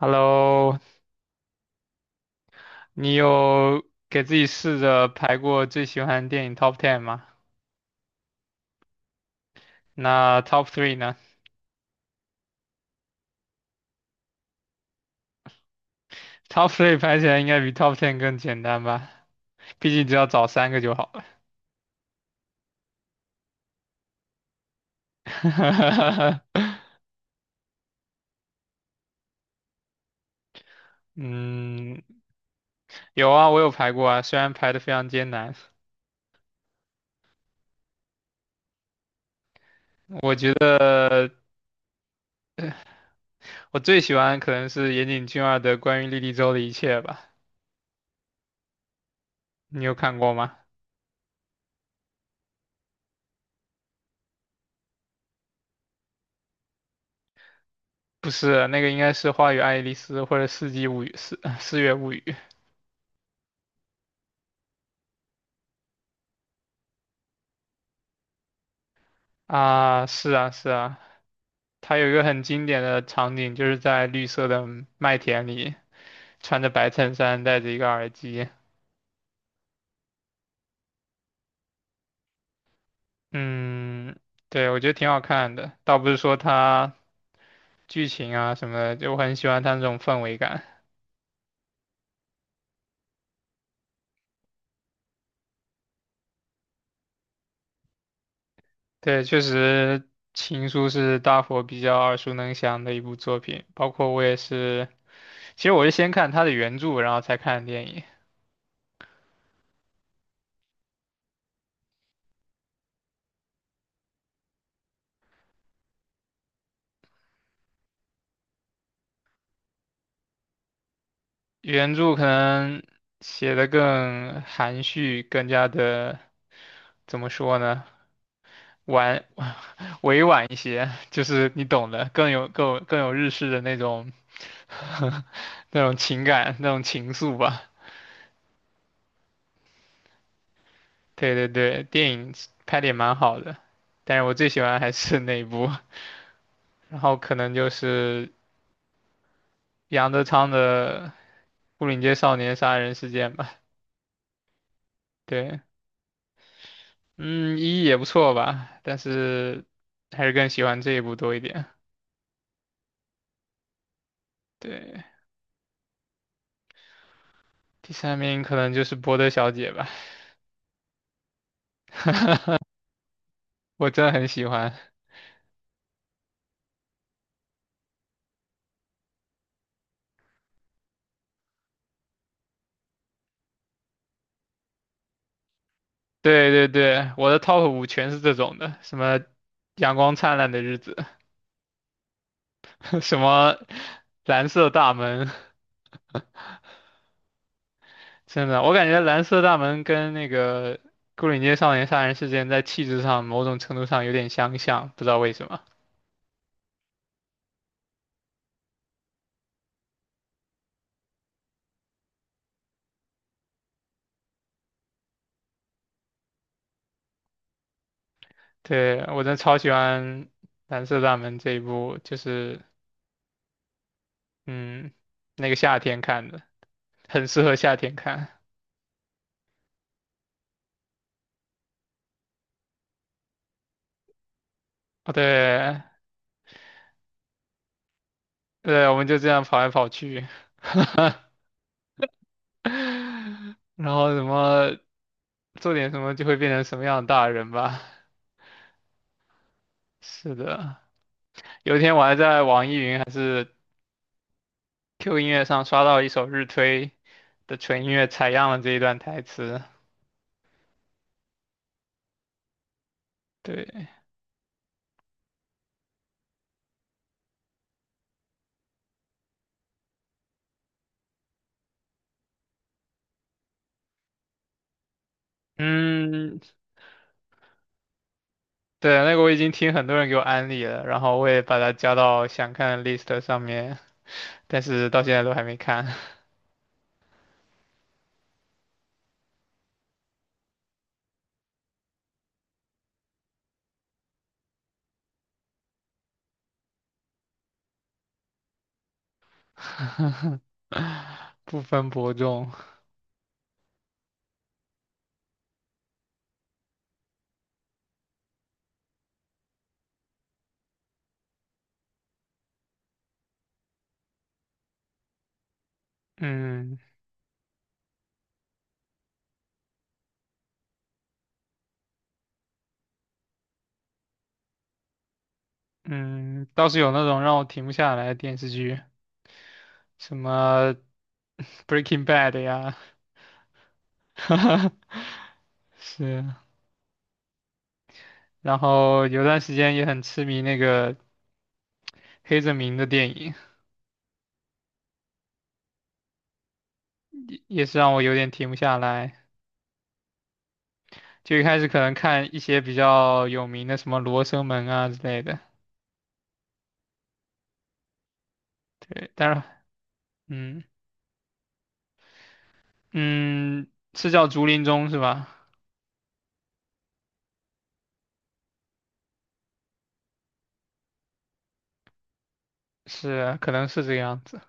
Hello，你有给自己试着排过最喜欢的电影 Top Ten 吗？那 Top Three 呢？Top Three 排起来应该比 Top Ten 更简单吧？毕竟只要找三个就好了。嗯，有啊，我有排过啊，虽然排的非常艰难。我觉得我最喜欢可能是岩井俊二的《关于莉莉周的一切》吧，你有看过吗？不是，那个应该是《花与爱丽丝》或者《四季物语》四月物语》啊，是啊，是啊。他有一个很经典的场景，就是在绿色的麦田里，穿着白衬衫，戴着一个耳机。嗯，对，我觉得挺好看的。倒不是说它剧情啊什么的，就我很喜欢它那种氛围感。对，确实，《情书》是大伙比较耳熟能详的一部作品，包括我也是。其实我是先看它的原著，然后才看的电影。原著可能写的更含蓄，更加的怎么说呢？婉 委婉一些，就是你懂的，更有日式的那种 那种情感那种情愫吧。对对对，电影拍的也蛮好的，但是我最喜欢还是那一部，然后可能就是杨德昌的《牯岭街少年杀人事件》吧。对，嗯，一也不错吧，但是还是更喜欢这一部多一点。对，第三名可能就是《博德小姐》吧，我真的很喜欢。对对对，我的 top 5全是这种的，什么阳光灿烂的日子，什么蓝色大门，真的，我感觉蓝色大门跟那个牯岭街少年杀人事件在气质上某种程度上有点相像，不知道为什么。对，我真的超喜欢蓝色大门这一部，就是嗯，那个夏天看的，很适合夏天看。哦，对对，我们就这样跑来跑去。然后什么做点什么就会变成什么样的大人吧。是的，有一天我还在网易云还是 Q 音乐上刷到一首日推的纯音乐采样了这一段台词。对，嗯，对，那个我已经听很多人给我安利了，然后我也把它加到想看的 list 上面，但是到现在都还没看，不分伯仲。嗯嗯，倒是有那种让我停不下来的电视剧，什么 《Breaking Bad》呀，哈哈 是，然后有段时间也很痴迷那个黑泽明的电影，也是让我有点停不下来。就一开始可能看一些比较有名的，什么《罗生门》啊之类的。对，但是，嗯嗯，是叫竹林中是吧？是，可能是这个样子。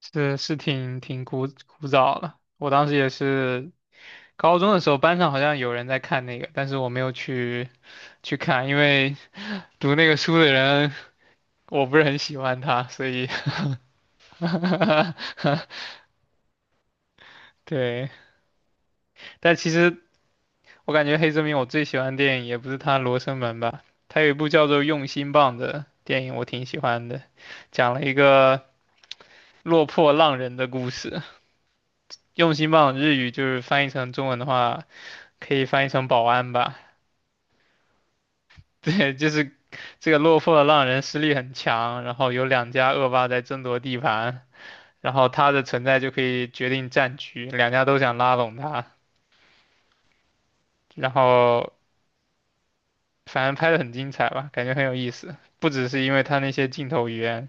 是挺古早了。我当时也是高中的时候，班上好像有人在看那个，但是我没有去看，因为读那个书的人我不是很喜欢他，所以 对。但其实我感觉黑泽明我最喜欢的电影也不是他《罗生门》吧，他有一部叫做《用心棒》的电影，我挺喜欢的，讲了一个落魄浪人的故事。用心棒日语就是翻译成中文的话，可以翻译成保安吧。对，就是这个落魄的浪人实力很强，然后有两家恶霸在争夺地盘，然后他的存在就可以决定战局，两家都想拉拢他。然后反正拍的很精彩吧，感觉很有意思。不只是因为它那些镜头语言，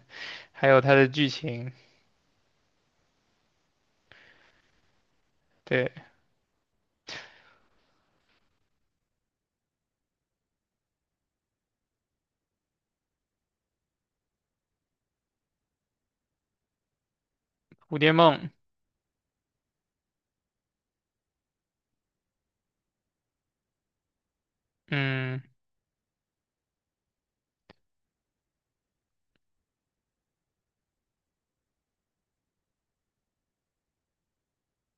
还有它的剧情。对，《蝴蝶梦》，嗯，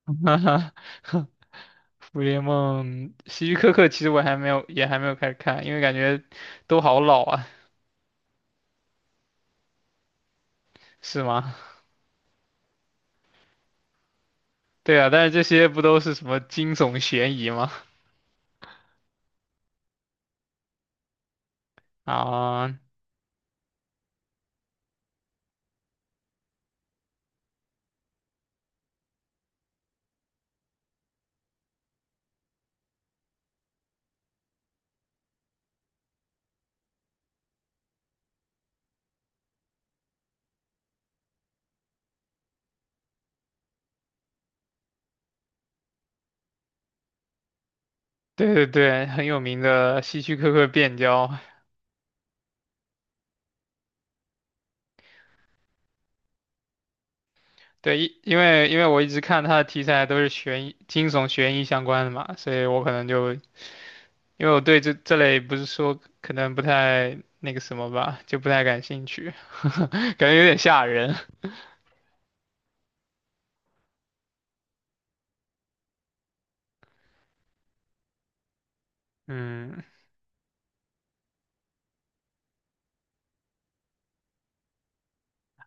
哈哈蝴蝶梦》，希区柯克其实我还没有，也还没有开始看，因为感觉都好老啊，是吗？对啊，但是这些不都是什么惊悚悬疑吗？啊，对对对，很有名的希区柯克变焦。对，因为我一直看他的题材都是悬疑、惊悚、悬疑相关的嘛，所以我可能就因为我对这类不是说可能不太那个什么吧，就不太感兴趣，感觉有点吓人。嗯，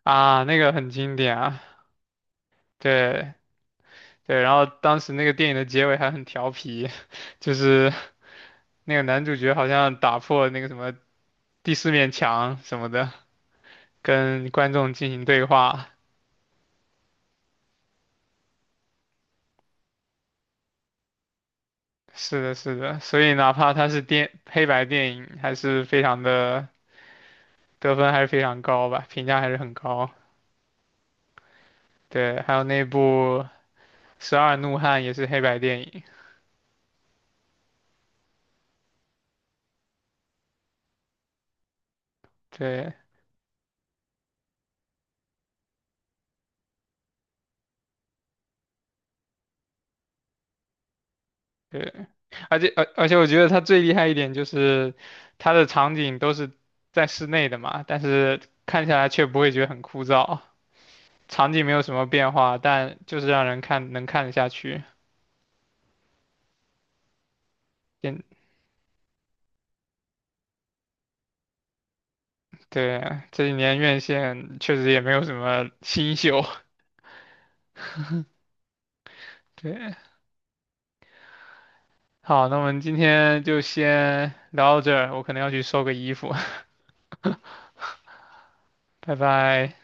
啊，那个很经典啊，对对，然后当时那个电影的结尾还很调皮，就是那个男主角好像打破那个什么第四面墙什么的，跟观众进行对话。是的，是的，所以哪怕他是黑白电影，还是非常的得分还是非常高吧，评价还是很高。对，还有那部十二怒汉也是黑白电影，对对，而且我觉得它最厉害一点就是它的场景都是在室内的嘛，但是看起来却不会觉得很枯燥，场景没有什么变化，但就是让人看能看得下去。嗯，对，这几年院线确实也没有什么新秀。对，好，那我们今天就先聊到这儿，我可能要去收个衣服，拜拜。